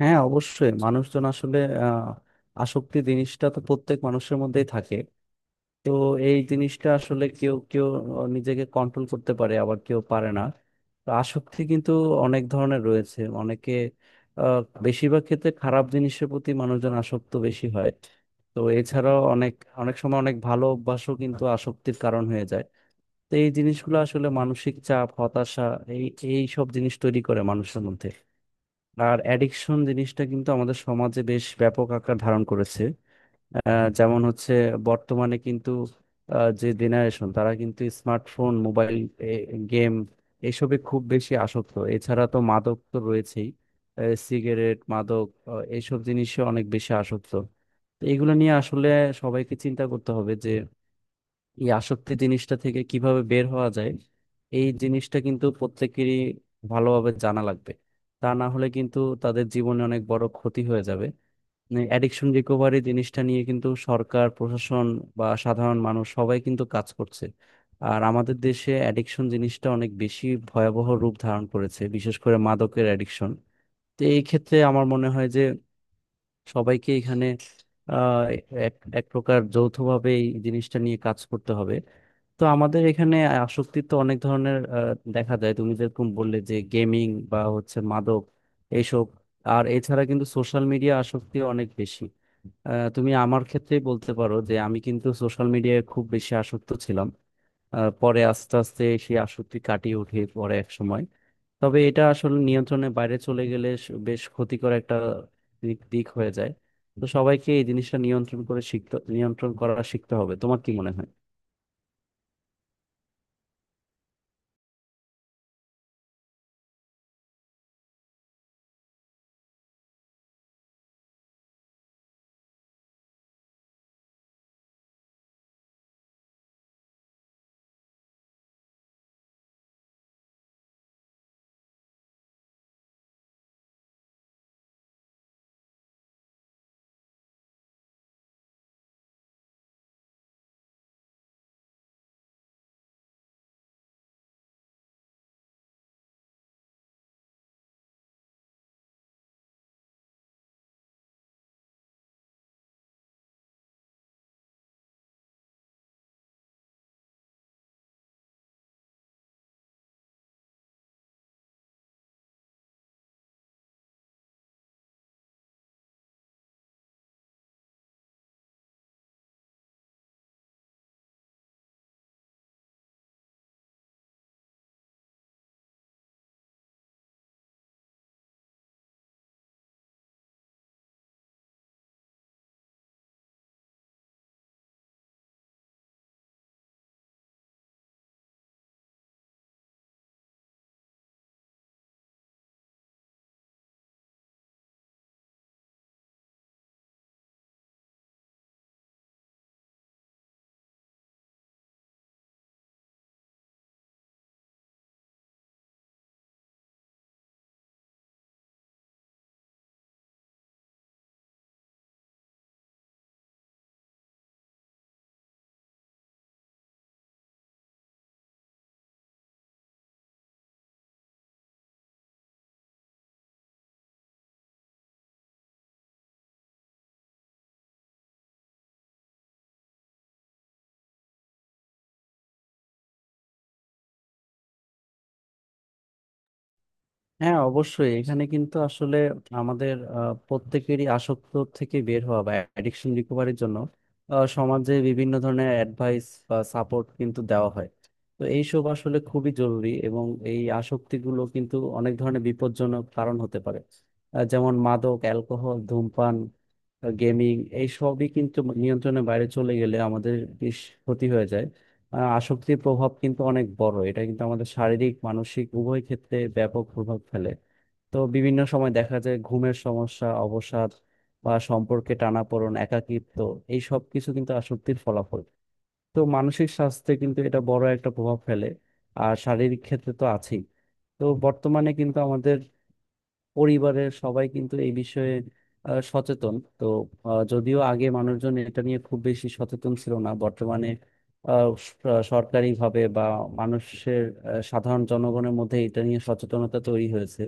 হ্যাঁ, অবশ্যই। মানুষজন আসলে আহ আসক্তি জিনিসটা তো প্রত্যেক মানুষের মধ্যেই থাকে। তো এই জিনিসটা আসলে কেউ কেউ নিজেকে কন্ট্রোল করতে পারে, আবার কেউ পারে না। তো আসক্তি কিন্তু অনেক ধরনের রয়েছে। অনেকে আহ, বেশিরভাগ ক্ষেত্রে খারাপ জিনিসের প্রতি মানুষজন আসক্ত বেশি হয়। তো এছাড়াও অনেক অনেক সময় অনেক ভালো অভ্যাসও কিন্তু আসক্তির কারণ হয়ে যায়। তো এই জিনিসগুলো আসলে মানসিক চাপ, হতাশা, এই এই সব জিনিস তৈরি করে মানুষের মধ্যে। আর অ্যাডিকশন জিনিসটা কিন্তু আমাদের সমাজে বেশ ব্যাপক আকার ধারণ করেছে। যেমন হচ্ছে বর্তমানে কিন্তু যে জেনারেশন, তারা কিন্তু স্মার্টফোন, মোবাইল, গেম এসবে খুব বেশি আসক্ত। এছাড়া তো মাদক তো রয়েছেই। সিগারেট, মাদক, এইসব জিনিসে অনেক বেশি আসক্ত। তো এগুলো নিয়ে আসলে সবাইকে চিন্তা করতে হবে যে এই আসক্তি জিনিসটা থেকে কিভাবে বের হওয়া যায়। এই জিনিসটা কিন্তু প্রত্যেকেরই ভালোভাবে জানা লাগবে। তা না হলে কিন্তু তাদের জীবনে অনেক বড় ক্ষতি হয়ে যাবে। অ্যাডিকশন রিকভারি জিনিসটা নিয়ে কিন্তু সরকার, প্রশাসন বা সাধারণ মানুষ সবাই কিন্তু কাজ করছে। আর আমাদের দেশে অ্যাডিকশন জিনিসটা অনেক বেশি ভয়াবহ রূপ ধারণ করেছে, বিশেষ করে মাদকের অ্যাডিকশন। তো এই ক্ষেত্রে আমার মনে হয় যে সবাইকে এখানে আহ এক এক প্রকার যৌথভাবে এই জিনিসটা নিয়ে কাজ করতে হবে। তো আমাদের এখানে আসক্তি তো অনেক ধরনের দেখা যায়। তুমি যেরকম বললে যে গেমিং বা হচ্ছে মাদক, এইসব। আর এছাড়া কিন্তু সোশ্যাল মিডিয়া আসক্তি অনেক বেশি। তুমি আমার ক্ষেত্রেই বলতে পারো যে আমি কিন্তু সোশ্যাল মিডিয়ায় খুব বেশি আসক্ত ছিলাম। পরে আস্তে আস্তে সেই আসক্তি কাটিয়ে উঠে পরে এক সময়। তবে এটা আসলে নিয়ন্ত্রণের বাইরে চলে গেলে বেশ ক্ষতিকর একটা দিক দিক হয়ে যায়। তো সবাইকে এই জিনিসটা নিয়ন্ত্রণ করা শিখতে হবে। তোমার কি মনে হয়? হ্যাঁ, অবশ্যই। এখানে কিন্তু আসলে আমাদের প্রত্যেকেরই আসক্ত থেকে বের হওয়া বা অ্যাডিকশন রিকভারির জন্য সমাজে বিভিন্ন ধরনের অ্যাডভাইস বা সাপোর্ট কিন্তু দেওয়া হয়। তো এইসব আসলে খুবই জরুরি, এবং এই আসক্তিগুলো কিন্তু অনেক ধরনের বিপজ্জনক কারণ হতে পারে। যেমন মাদক, অ্যালকোহল, ধূমপান, গেমিং, এই সবই কিন্তু নিয়ন্ত্রণের বাইরে চলে গেলে আমাদের বেশ ক্ষতি হয়ে যায়। আসক্তির প্রভাব কিন্তু অনেক বড়। এটা কিন্তু আমাদের শারীরিক, মানসিক উভয় ক্ষেত্রে ব্যাপক প্রভাব ফেলে। তো বিভিন্ন সময় দেখা যায় ঘুমের সমস্যা, অবসাদ বা সম্পর্কে টানাপোড়েন, একাকিত্ব, এই সব কিছু কিন্তু আসক্তির ফলাফল। তো মানসিক স্বাস্থ্যে কিন্তু এটা বড় একটা প্রভাব ফেলে। আর শারীরিক ক্ষেত্রে তো আছেই। তো বর্তমানে কিন্তু আমাদের পরিবারের সবাই কিন্তু এই বিষয়ে সচেতন তো। যদিও আগে মানুষজন এটা নিয়ে খুব বেশি সচেতন ছিল না, বর্তমানে সরকারিভাবে বা মানুষের সাধারণ জনগণের মধ্যে এটা নিয়ে সচেতনতা তৈরি হয়েছে।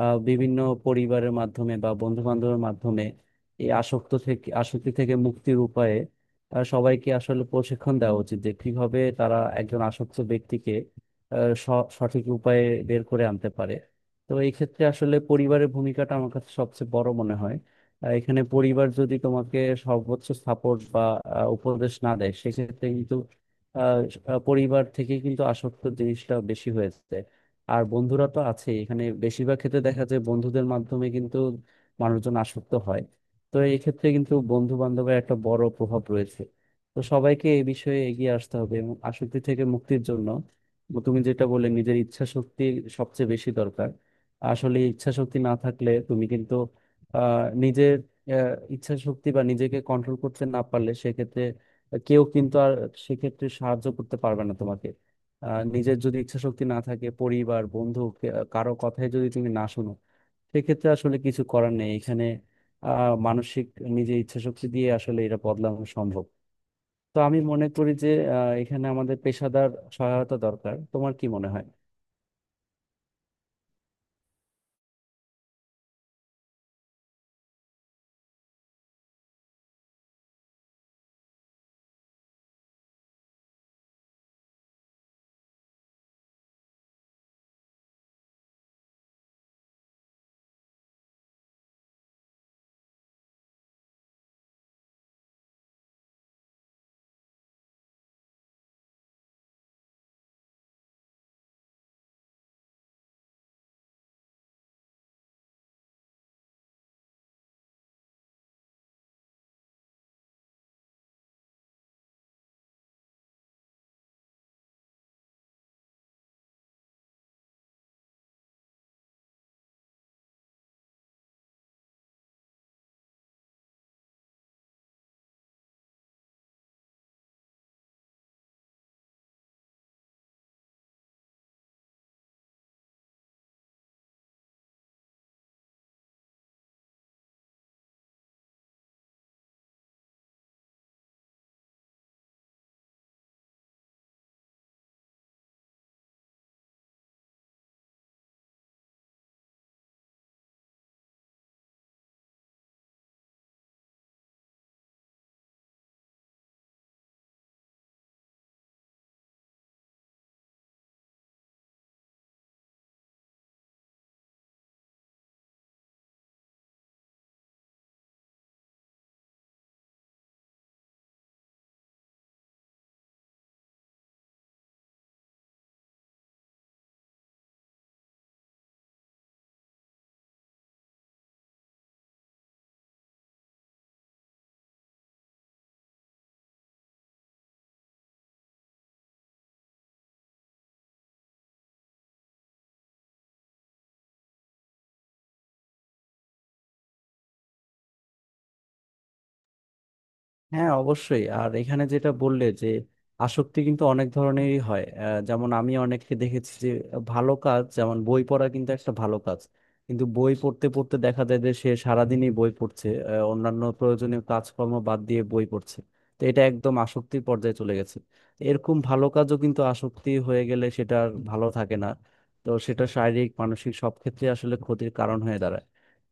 বিভিন্ন পরিবারের মাধ্যমে বা বন্ধু বান্ধবের মাধ্যমে এই আসক্তি থেকে মুক্তির উপায়ে সবাইকে আসলে প্রশিক্ষণ দেওয়া উচিত যে কিভাবে তারা একজন আসক্ত ব্যক্তিকে সঠিক উপায়ে বের করে আনতে পারে। তো এই ক্ষেত্রে আসলে পরিবারের ভূমিকাটা আমার কাছে সবচেয়ে বড় মনে হয়। এখানে পরিবার যদি তোমাকে সর্বোচ্চ সাপোর্ট বা উপদেশ না দেয়, সেক্ষেত্রে কিন্তু আহ, আহ, পরিবার থেকে কিন্তু আসক্ত জিনিসটা বেশি হয়েছে। আর বন্ধুরা তো আছে। এখানে বেশিরভাগ ক্ষেত্রে দেখা যায় বন্ধুদের মাধ্যমে কিন্তু মানুষজন আসক্ত হয়। তো এই ক্ষেত্রে কিন্তু বন্ধু বান্ধবের একটা বড় প্রভাব রয়েছে। তো সবাইকে এই বিষয়ে এগিয়ে আসতে হবে এবং আসক্তি থেকে মুক্তির জন্য তুমি যেটা বললে, নিজের ইচ্ছা শক্তি সবচেয়ে বেশি দরকার। আসলে ইচ্ছা শক্তি না থাকলে তুমি কিন্তু নিজের ইচ্ছা শক্তি বা নিজেকে কন্ট্রোল করতে না পারলে সেক্ষেত্রে কেউ কিন্তু আর সেক্ষেত্রে সাহায্য করতে পারবে না তোমাকে। নিজের যদি ইচ্ছা শক্তি না থাকে, পরিবার, বন্ধু কারো কথায় যদি তুমি না শুনো, সেক্ষেত্রে আসলে কিছু করার নেই এখানে। আহ মানসিক নিজের ইচ্ছা শক্তি দিয়ে আসলে এটা বদলানো সম্ভব। তো আমি মনে করি যে এখানে আমাদের পেশাদার সহায়তা দরকার। তোমার কি মনে হয়? হ্যাঁ, অবশ্যই। আর এখানে যেটা বললে যে আসক্তি কিন্তু অনেক ধরনেরই হয়। যেমন আমি অনেককে দেখেছি যে ভালো কাজ যেমন বই পড়া কিন্তু একটা ভালো কাজ। কিন্তু বই পড়তে পড়তে দেখা যায় যে সে সারাদিনই বই পড়ছে, অন্যান্য প্রয়োজনীয় কাজকর্ম বাদ দিয়ে বই পড়ছে। তো এটা একদম আসক্তির পর্যায়ে চলে গেছে। এরকম ভালো কাজও কিন্তু আসক্তি হয়ে গেলে সেটা আর ভালো থাকে না। তো সেটা শারীরিক, মানসিক সব ক্ষেত্রে আসলে ক্ষতির কারণ হয়ে দাঁড়ায়।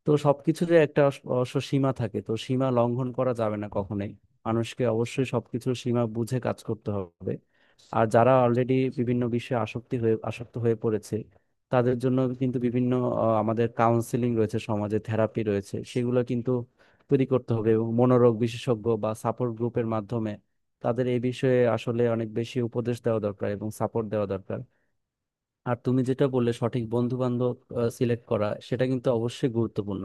তো সবকিছুরই একটা অবশ্য সীমা থাকে, তো সীমা লঙ্ঘন করা যাবে না কখনোই। মানুষকে অবশ্যই সবকিছুর সীমা বুঝে কাজ করতে হবে। আর যারা অলরেডি বিভিন্ন বিষয়ে আসক্ত হয়ে পড়েছে, তাদের জন্য কিন্তু বিভিন্ন আমাদের কাউন্সিলিং রয়েছে, সমাজে থেরাপি রয়েছে, সেগুলো কিন্তু তৈরি করতে হবে এবং মনোরোগ বিশেষজ্ঞ বা সাপোর্ট গ্রুপের মাধ্যমে তাদের এই বিষয়ে আসলে অনেক বেশি উপদেশ দেওয়া দরকার এবং সাপোর্ট দেওয়া দরকার। আর তুমি যেটা বললে সঠিক বন্ধু বান্ধব সিলেক্ট করা, সেটা কিন্তু অবশ্যই গুরুত্বপূর্ণ।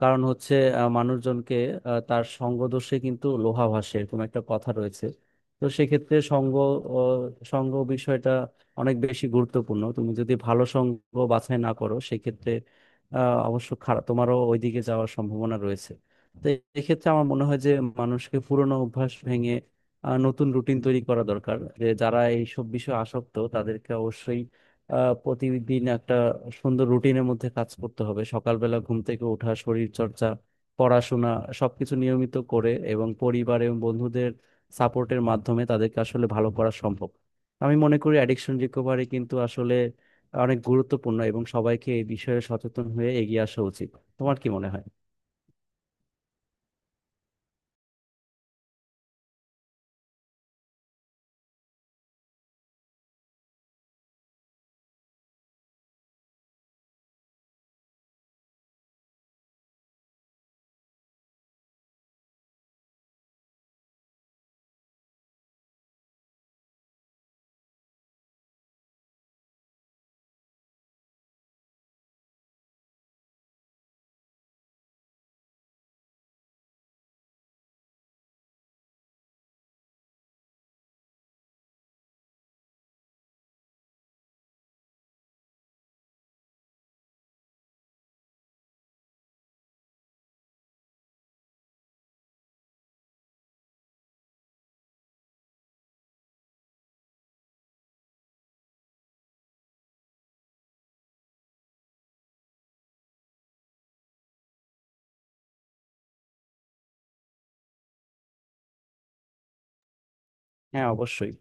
কারণ হচ্ছে আহ, মানুষজনকে তার সঙ্গ দোষে কিন্তু লোহা ভাসে এরকম একটা কথা রয়েছে। তো সেক্ষেত্রে সঙ্গ বিষয়টা অনেক বেশি গুরুত্বপূর্ণ। তুমি যদি ভালো সঙ্গ বাছাই না করো, সেক্ষেত্রে আহ, অবশ্য খারাপ তোমারও ওইদিকে যাওয়ার সম্ভাবনা রয়েছে। তো এক্ষেত্রে আমার মনে হয় যে মানুষকে পুরনো অভ্যাস ভেঙে নতুন রুটিন তৈরি করা দরকার। যে যারা এইসব বিষয়ে আসক্ত তাদেরকে অবশ্যই প্রতিদিন একটা সুন্দর রুটিনের মধ্যে কাজ করতে হবে। সকালবেলা ঘুম থেকে ওঠা, শরীর চর্চা, পড়াশোনা, সবকিছু নিয়মিত করে এবং পরিবার এবং বন্ধুদের সাপোর্টের মাধ্যমে তাদেরকে আসলে ভালো করা সম্ভব। আমি মনে করি অ্যাডিকশন রিকভারি কিন্তু আসলে অনেক গুরুত্বপূর্ণ এবং সবাইকে এই বিষয়ে সচেতন হয়ে এগিয়ে আসা উচিত। তোমার কি মনে হয়? হ্যাঁ, অবশ্যই।